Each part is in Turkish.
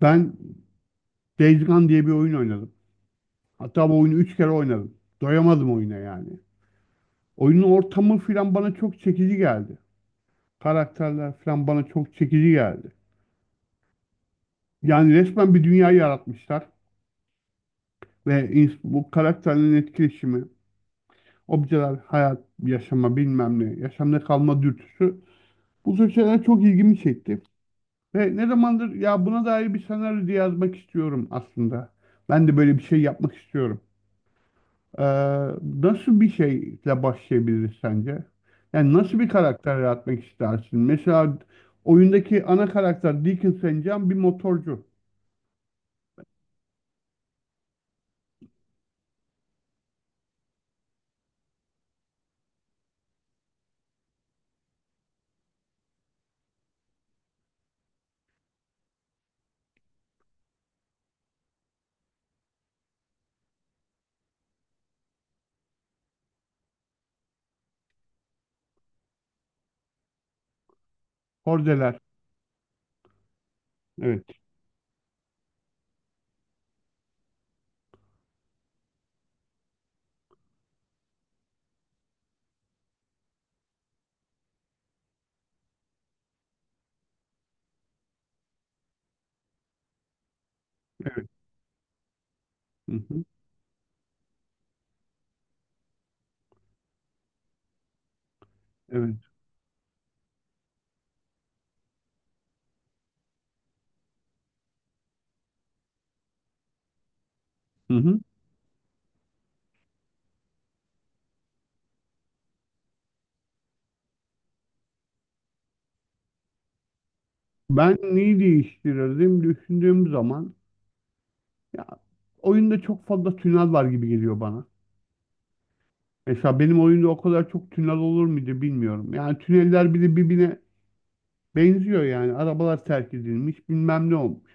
Ben Days Gone diye bir oyun oynadım. Hatta bu oyunu 3 kere oynadım. Doyamadım oyuna yani. Oyunun ortamı filan bana çok çekici geldi. Karakterler filan bana çok çekici geldi. Yani resmen bir dünya yaratmışlar ve bu karakterlerin etkileşimi, objeler, hayat, yaşama bilmem ne, yaşamda kalma dürtüsü bu tür şeyler çok ilgimi çekti. Ve ne zamandır ya buna dair bir senaryo diye yazmak istiyorum aslında. Ben de böyle bir şey yapmak istiyorum. Ee, nasıl bir şeyle başlayabiliriz sence? Yani nasıl bir karakter yaratmak istersin? Mesela oyundaki ana karakter Deacon St. John bir motorcu. Kordeler. Evet. Hı hı. Evet. Hı hı. Ben neyi değiştirirdim düşündüğüm zaman ya oyunda çok fazla tünel var gibi geliyor bana. Mesela benim oyunda o kadar çok tünel olur muydu bilmiyorum. Yani tüneller bir birbirine benziyor yani. Arabalar terk edilmiş, bilmem ne olmuş.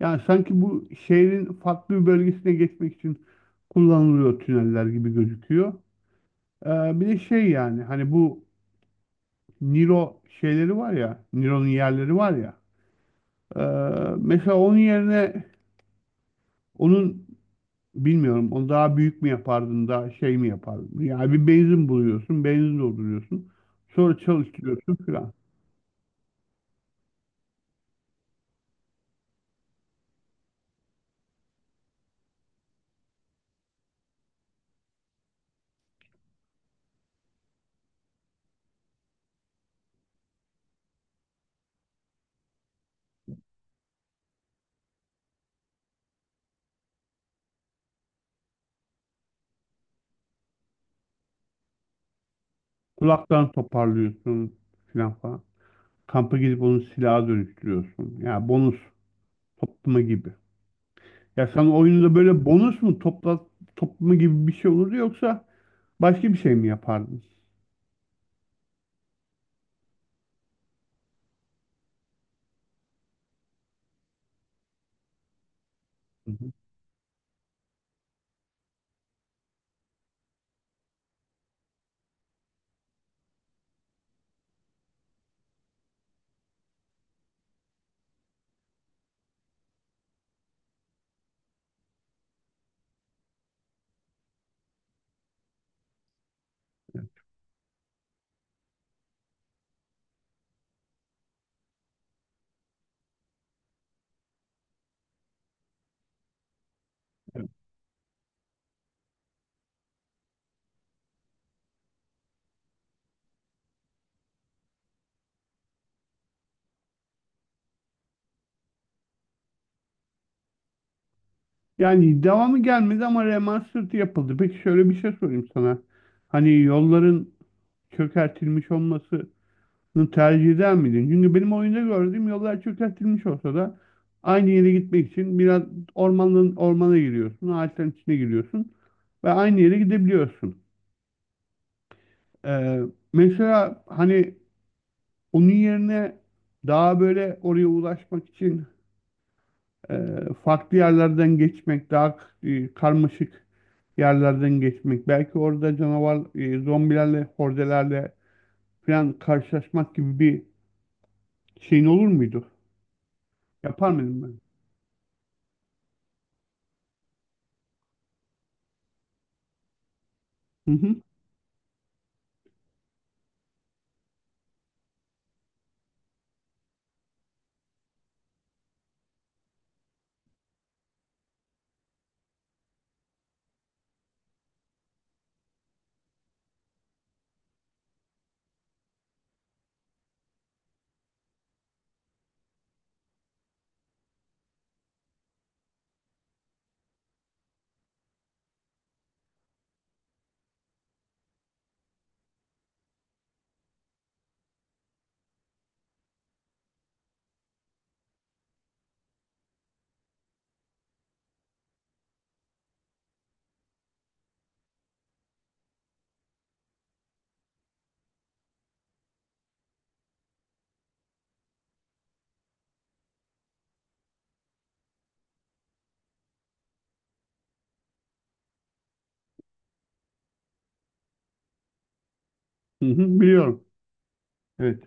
Yani sanki bu şehrin farklı bir bölgesine geçmek için kullanılıyor tüneller gibi gözüküyor. Ee, bir de şey yani hani bu Niro şeyleri var ya, Niro'nun yerleri var ya. Ee, mesela onun yerine onun bilmiyorum onu daha büyük mü yapardın daha şey mi yapardın? Yani bir benzin buluyorsun, benzin dolduruyorsun. Sonra çalıştırıyorsun filan. Kulaktan toparlıyorsun filan falan. Kampa gidip onu silaha dönüştürüyorsun. Yani bonus toplama gibi. Ya sen oyunda böyle bonus mu toplumu gibi bir şey olurdu yoksa başka bir şey mi yapardın? Hı hı. Yani devamı gelmedi ama remastered yapıldı. Peki şöyle bir şey sorayım sana. Hani yolların çökertilmiş olmasını tercih eder miydin? Çünkü benim oyunda gördüğüm yollar çökertilmiş olsa da aynı yere gitmek için biraz ormanın ormana giriyorsun, ağaçların içine giriyorsun ve aynı yere gidebiliyorsun. Ee, mesela hani onun yerine daha böyle oraya ulaşmak için e, farklı yerlerden geçmek, daha karmaşık yerlerden geçmek, belki orada canavar, zombilerle, hordelerle falan karşılaşmak gibi bir şeyin olur muydu? Yapar mıydım ben? Hı hı, hı hı, biliyorum. Evet.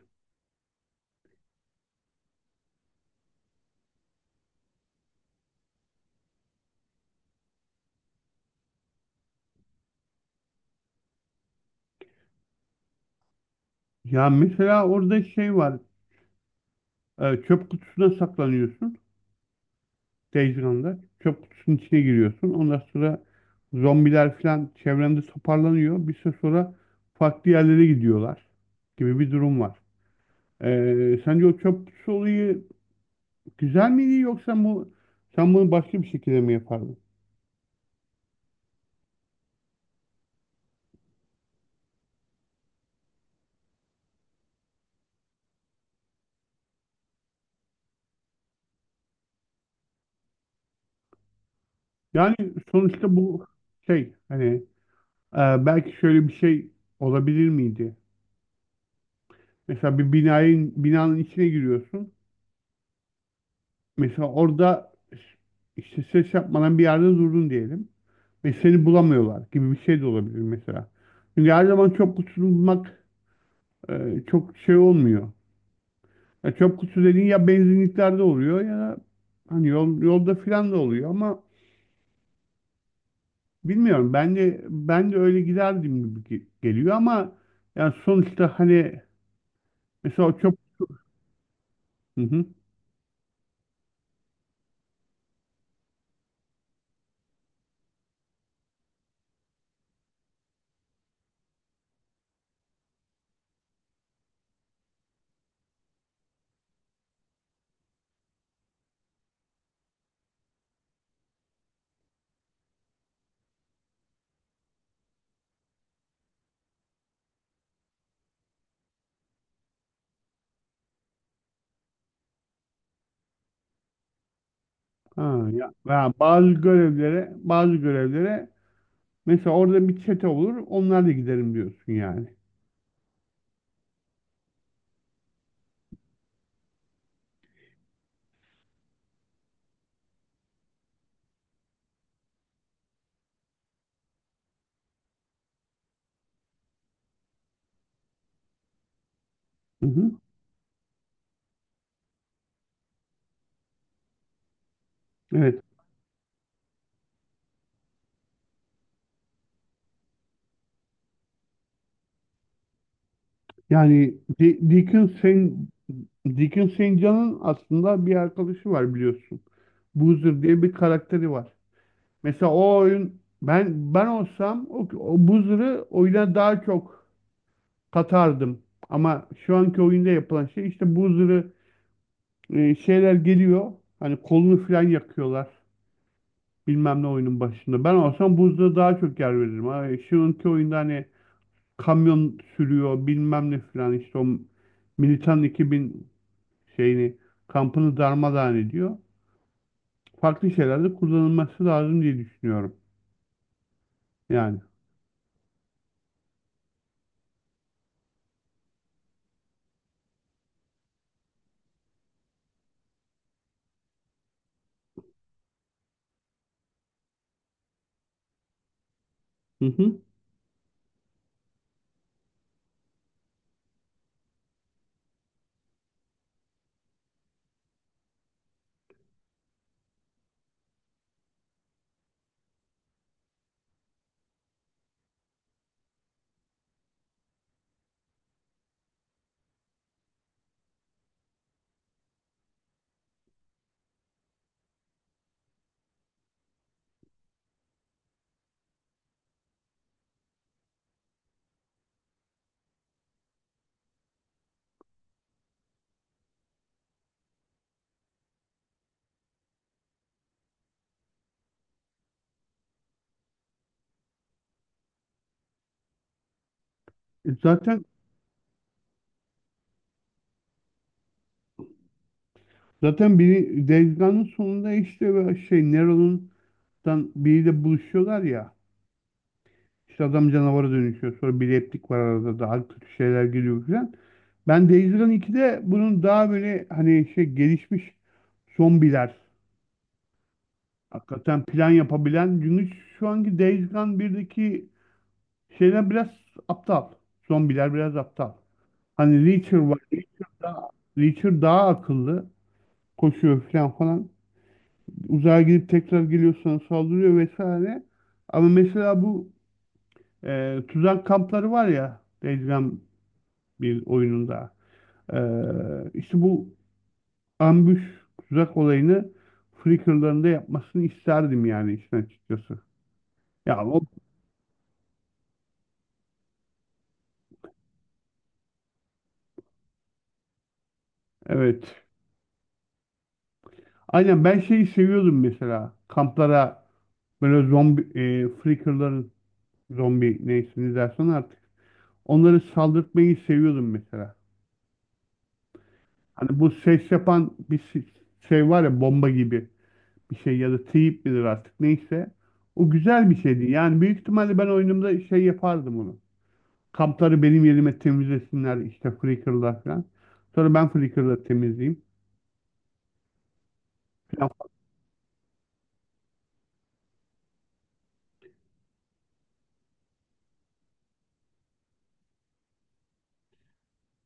Ya mesela orada şey var, çöp kutusuna saklanıyorsun. Dejane'da çöp kutusunun içine giriyorsun. Ondan sonra zombiler falan çevrende toparlanıyor. Bir süre sonra farklı yerlere gidiyorlar gibi bir durum var. Sence o çöp kutusu olayı güzel miydi yoksa bu sen bunu başka bir şekilde mi yapardın? Yani sonuçta bu şey hani e, belki şöyle bir şey olabilir miydi? Mesela bir binanın içine giriyorsun. Mesela orada işte ses yapmadan bir yerde durdun diyelim. Ve seni bulamıyorlar gibi bir şey de olabilir mesela. Çünkü her zaman çöp kutusunu bulmak çok şey olmuyor. Ya çöp kutusu dediğin ya benzinliklerde oluyor ya da hani yol, yolda filan da oluyor ama bilmiyorum. Ben de öyle giderdim gibi geliyor ama yani sonuçta hani mesela o çöp. Hı hı. Ha, ya bazı görevlere bazı görevlere mesela orada bir çete olur onlarla giderim diyorsun yani. Hı hı. Evet. Yani Dickens Deacon St. aslında bir arkadaşı var biliyorsun. Boozer diye bir karakteri var. Mesela o oyun ben olsam o Boozer'ı oyuna daha çok katardım. Ama şu anki oyunda yapılan şey işte Boozer'ı şeyler geliyor. Hani kolunu falan yakıyorlar. Bilmem ne oyunun başında. Ben olsam Boozer'a daha çok yer veririm. Ha, şu anki oyunda hani kamyon sürüyor bilmem ne falan işte o Militan 2000 şeyini kampını darmadağın ediyor. Farklı şeylerde kullanılması lazım diye düşünüyorum. Yani. Hı hı. E, zaten biri Days Gone'ın sonunda işte böyle şey Nero'nun dan biriyle buluşuyorlar ya. İşte adam canavara dönüşüyor. Sonra bir replik var arada daha kötü şeyler geliyor falan. Ben Days Gone 2'de bunun daha böyle hani şey gelişmiş zombiler hakikaten plan yapabilen çünkü şu anki Days Gone 1'deki şeyler biraz aptal. Zombiler biraz aptal. Hani Reacher var. Reacher daha akıllı. Koşuyor falan falan. Uzağa gidip tekrar geliyor sana saldırıyor vesaire. Ama mesela bu tuzak kampları var ya Days Gone bir oyununda. E, işte bu ambush tuzak olayını Flickr'larında yapmasını isterdim yani işin açıkçası. Ya o, evet. Aynen ben şeyi seviyordum mesela. Kamplara böyle zombi Flickr'ların zombi neyse ne dersen artık onları saldırtmayı seviyordum mesela. Hani bu ses yapan bir şey var ya bomba gibi bir şey ya da teyip midir artık neyse. O güzel bir şeydi. Yani büyük ihtimalle ben oyunumda şey yapardım onu. Kampları benim yerime temizlesinler işte Flickr'lar falan. Sonra ben Flickr'la temizleyeyim falan.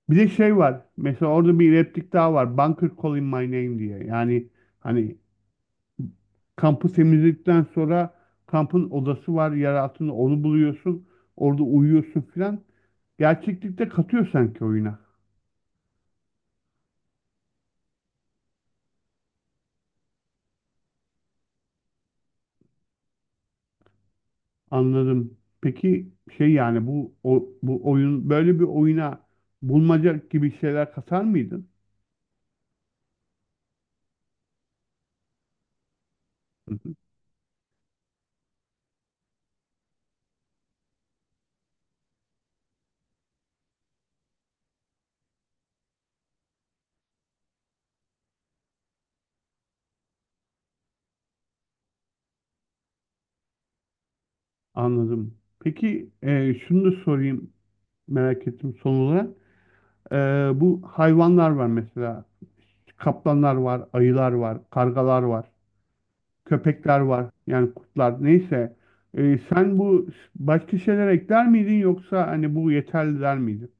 Bir de şey var. Mesela orada bir replik daha var. Bunker Calling My Name diye. Yani hani kampı temizledikten sonra kampın odası var yer altında onu buluyorsun. Orada uyuyorsun filan. Gerçeklikte katıyor sanki oyuna. Anladım. Peki şey yani bu bu oyun böyle bir oyuna bulmaca gibi şeyler katar mıydın? Hı hı. Anladım. Peki şunu da sorayım merak ettim son olarak. E, bu hayvanlar var mesela. Kaplanlar var, ayılar var, kargalar var. Köpekler var. Yani kurtlar. Neyse. Sen bu başka şeyler ekler miydin yoksa hani bu yeterli der miydin?